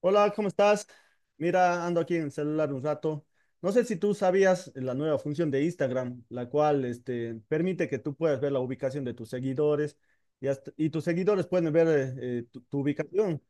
Hola, ¿cómo estás? Mira, ando aquí en el celular un rato. No sé si tú sabías la nueva función de Instagram, la cual permite que tú puedas ver la ubicación de tus seguidores y, y tus seguidores pueden ver tu ubicación.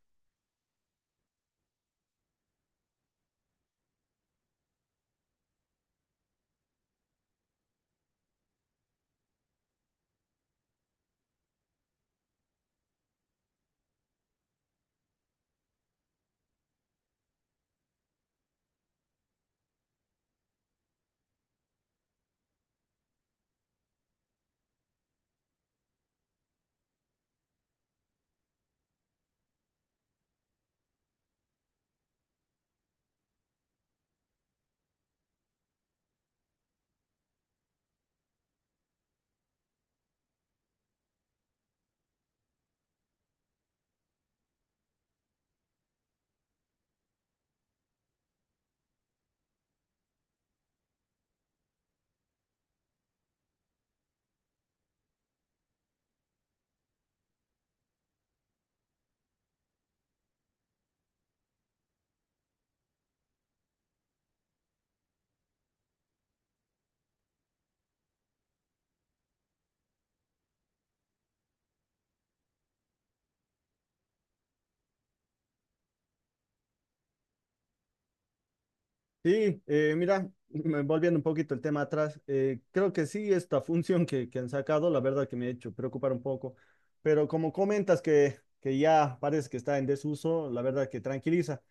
Sí, mira, volviendo un poquito el tema atrás, creo que sí, esta función que han sacado, la verdad que me ha hecho preocupar un poco, pero como comentas que ya parece que está en desuso, la verdad que tranquiliza,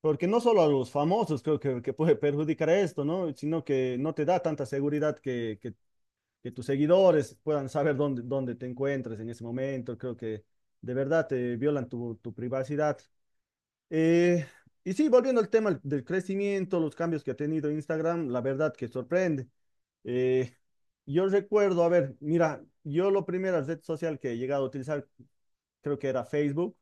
porque no solo a los famosos creo que puede perjudicar esto, ¿no? Sino que no te da tanta seguridad que tus seguidores puedan saber dónde te encuentras en ese momento, creo que de verdad te violan tu privacidad. Eh, y sí, volviendo al tema del crecimiento, los cambios que ha tenido Instagram, la verdad que sorprende. Eh, yo recuerdo, a ver, mira, yo la primera red social que he llegado a utilizar creo que era Facebook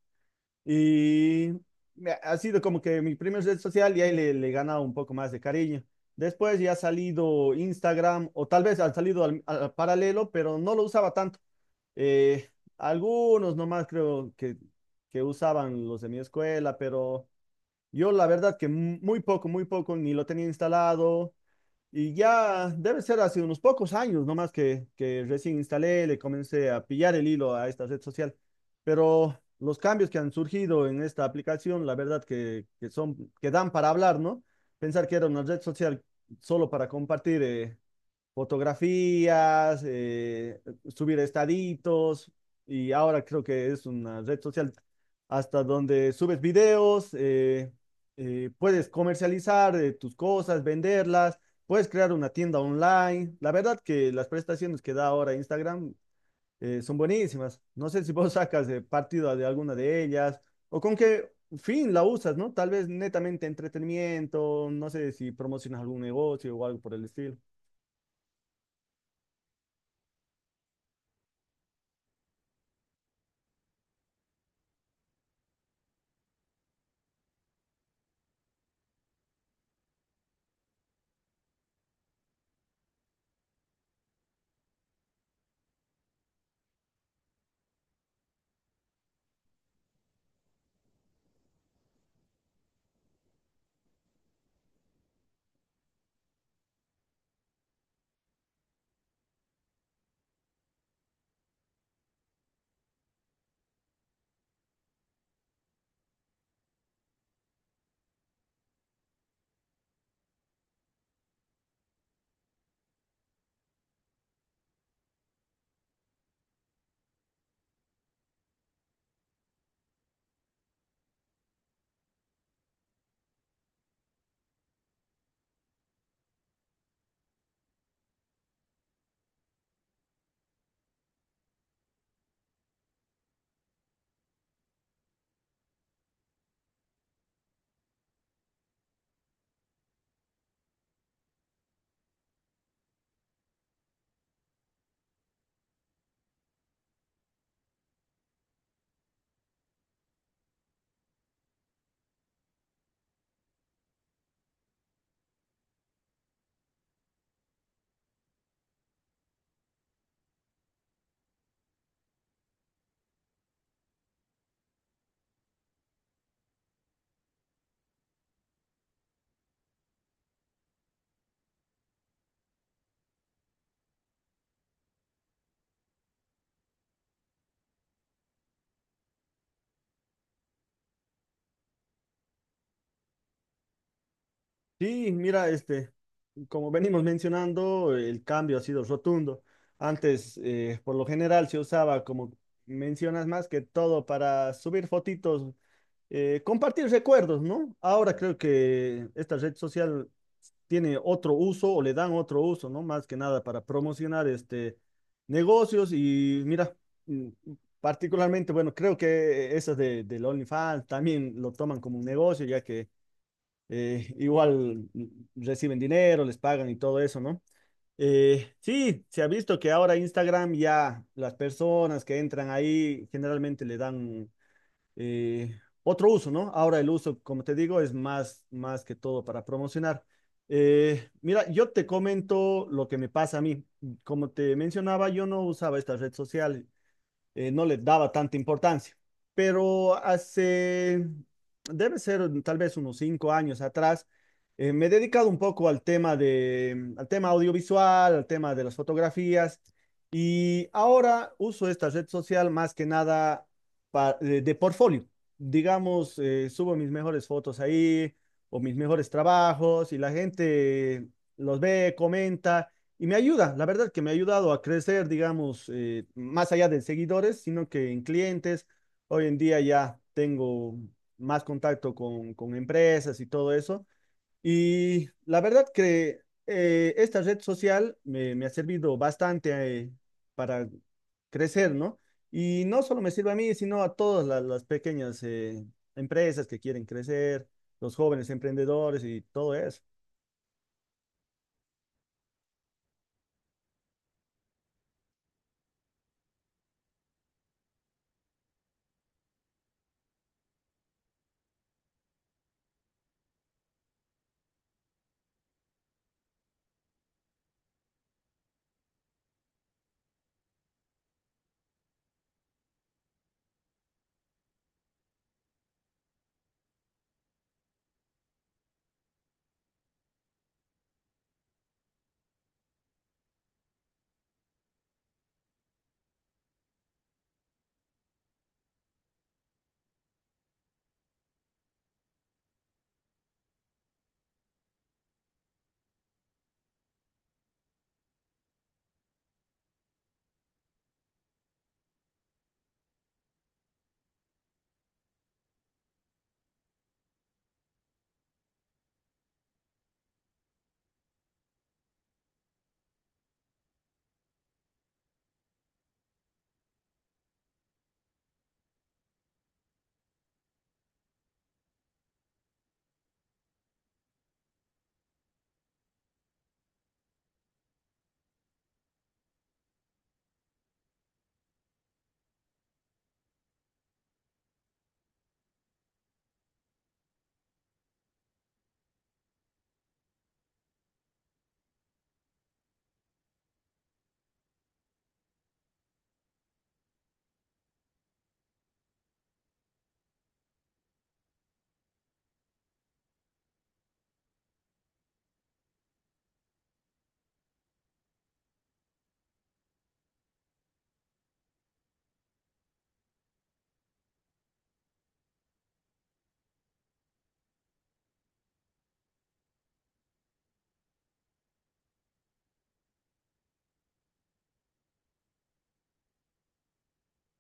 y ha sido como que mi primera red social y ahí le he ganado un poco más de cariño. Después ya ha salido Instagram o tal vez ha salido al paralelo, pero no lo usaba tanto. Eh, algunos nomás creo que usaban los de mi escuela, pero... Yo la verdad que muy poco, ni lo tenía instalado y ya debe ser hace unos pocos años nomás que recién instalé, le comencé a pillar el hilo a esta red social. Pero los cambios que han surgido en esta aplicación, la verdad que son, que dan para hablar, ¿no? Pensar que era una red social solo para compartir fotografías, subir estaditos y ahora creo que es una red social hasta donde subes videos, puedes comercializar tus cosas, venderlas, puedes crear una tienda online. La verdad que las prestaciones que da ahora Instagram son buenísimas. No sé si vos sacas partido de alguna de ellas o con qué fin la usas, ¿no? Tal vez netamente entretenimiento, no sé si promocionas algún negocio o algo por el estilo. Sí, mira, como venimos mencionando, el cambio ha sido rotundo. Antes, por lo general, se usaba, como mencionas, más que todo para subir fotitos, compartir recuerdos, ¿no? Ahora creo que esta red social tiene otro uso o le dan otro uso, ¿no? Más que nada para promocionar negocios y mira, mm, particularmente, bueno, creo que esas del OnlyFans también lo toman como un negocio, ya que igual reciben dinero, les pagan y todo eso, ¿no? Sí, se ha visto que ahora Instagram ya las personas que entran ahí generalmente le dan otro uso, ¿no? Ahora el uso, como te digo, es más, más que todo para promocionar. Mira, yo te comento lo que me pasa a mí. Como te mencionaba, yo no usaba esta red social no le daba tanta importancia. Pero debe ser tal vez unos 5 años atrás, me he dedicado un poco al tema de, al tema audiovisual, al tema de las fotografías, y ahora uso esta red social más que nada de portfolio. Digamos, subo mis mejores fotos ahí o mis mejores trabajos y la gente los ve, comenta. Y me ayuda, la verdad que me ha ayudado a crecer, digamos, más allá de seguidores, sino que en clientes. Hoy en día ya tengo más contacto con empresas y todo eso. Y la verdad que esta red social me ha servido bastante para crecer, ¿no? Y no solo me sirve a mí, sino a todas pequeñas empresas que quieren crecer, los jóvenes emprendedores y todo eso.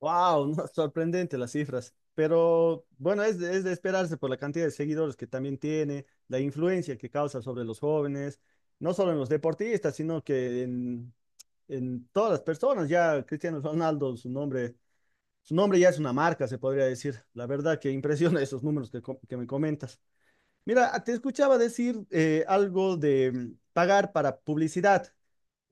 Wow, no, sorprendente las cifras. Pero bueno, es es de esperarse por la cantidad de seguidores que también tiene, la influencia que causa sobre los jóvenes, no solo en los deportistas, sino que en todas las personas. Ya Cristiano Ronaldo, su nombre ya es una marca, se podría decir. La verdad que impresiona esos números que me comentas. Mira, te escuchaba decir algo de pagar para publicidad.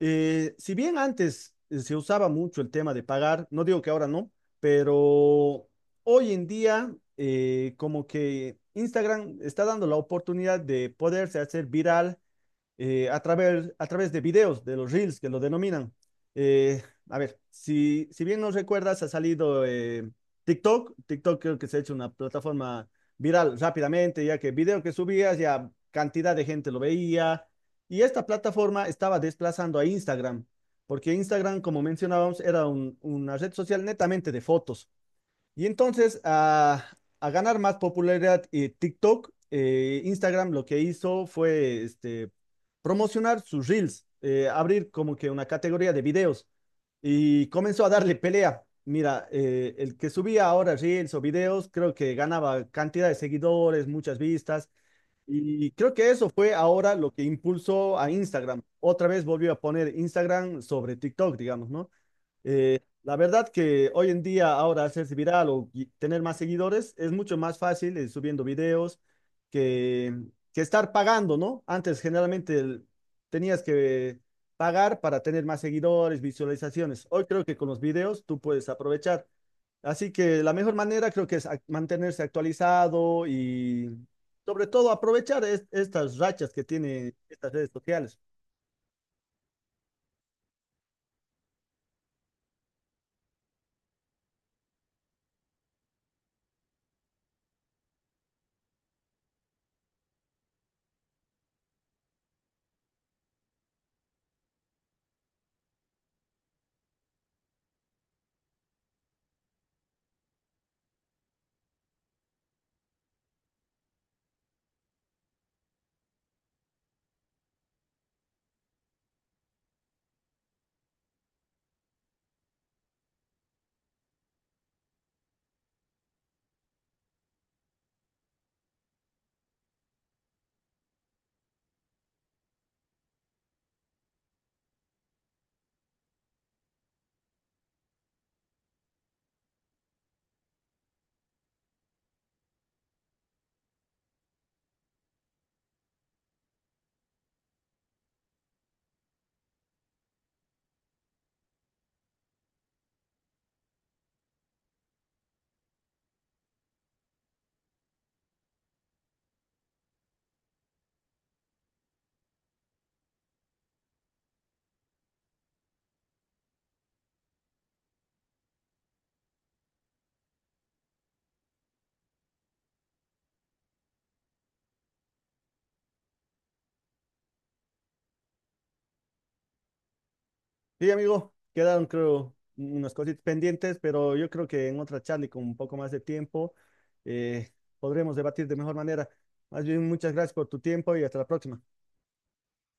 Si bien antes se usaba mucho el tema de pagar, no digo que ahora no, pero hoy en día como que Instagram está dando la oportunidad de poderse hacer viral a través de videos, de los reels que lo denominan. Eh, a ver, si, si bien nos recuerdas, ha salido TikTok. TikTok creo que se ha hecho una plataforma viral rápidamente, ya que el video que subías ya cantidad de gente lo veía. Y esta plataforma estaba desplazando a Instagram, porque Instagram, como mencionábamos, era una red social netamente de fotos. Y entonces, a ganar más popularidad TikTok, Instagram lo que hizo fue promocionar sus reels, abrir como que una categoría de videos y comenzó a darle pelea. Mira, el que subía ahora reels o videos, creo que ganaba cantidad de seguidores, muchas vistas, y creo que eso fue ahora lo que impulsó a Instagram. Otra vez volvió a poner Instagram sobre TikTok, digamos, ¿no? La verdad que hoy en día ahora hacerse viral o tener más seguidores es mucho más fácil subiendo videos que, que estar pagando, ¿no? Antes generalmente tenías que pagar para tener más seguidores, visualizaciones. Hoy creo que con los videos tú puedes aprovechar. Así que la mejor manera creo que es mantenerse actualizado y sobre todo aprovechar estas rachas que tiene estas redes sociales. Sí, amigo, quedaron creo unas cositas pendientes, pero yo creo que en otra charla y con un poco más de tiempo eh, podremos debatir de mejor manera. Más bien, muchas gracias por tu tiempo y hasta la próxima.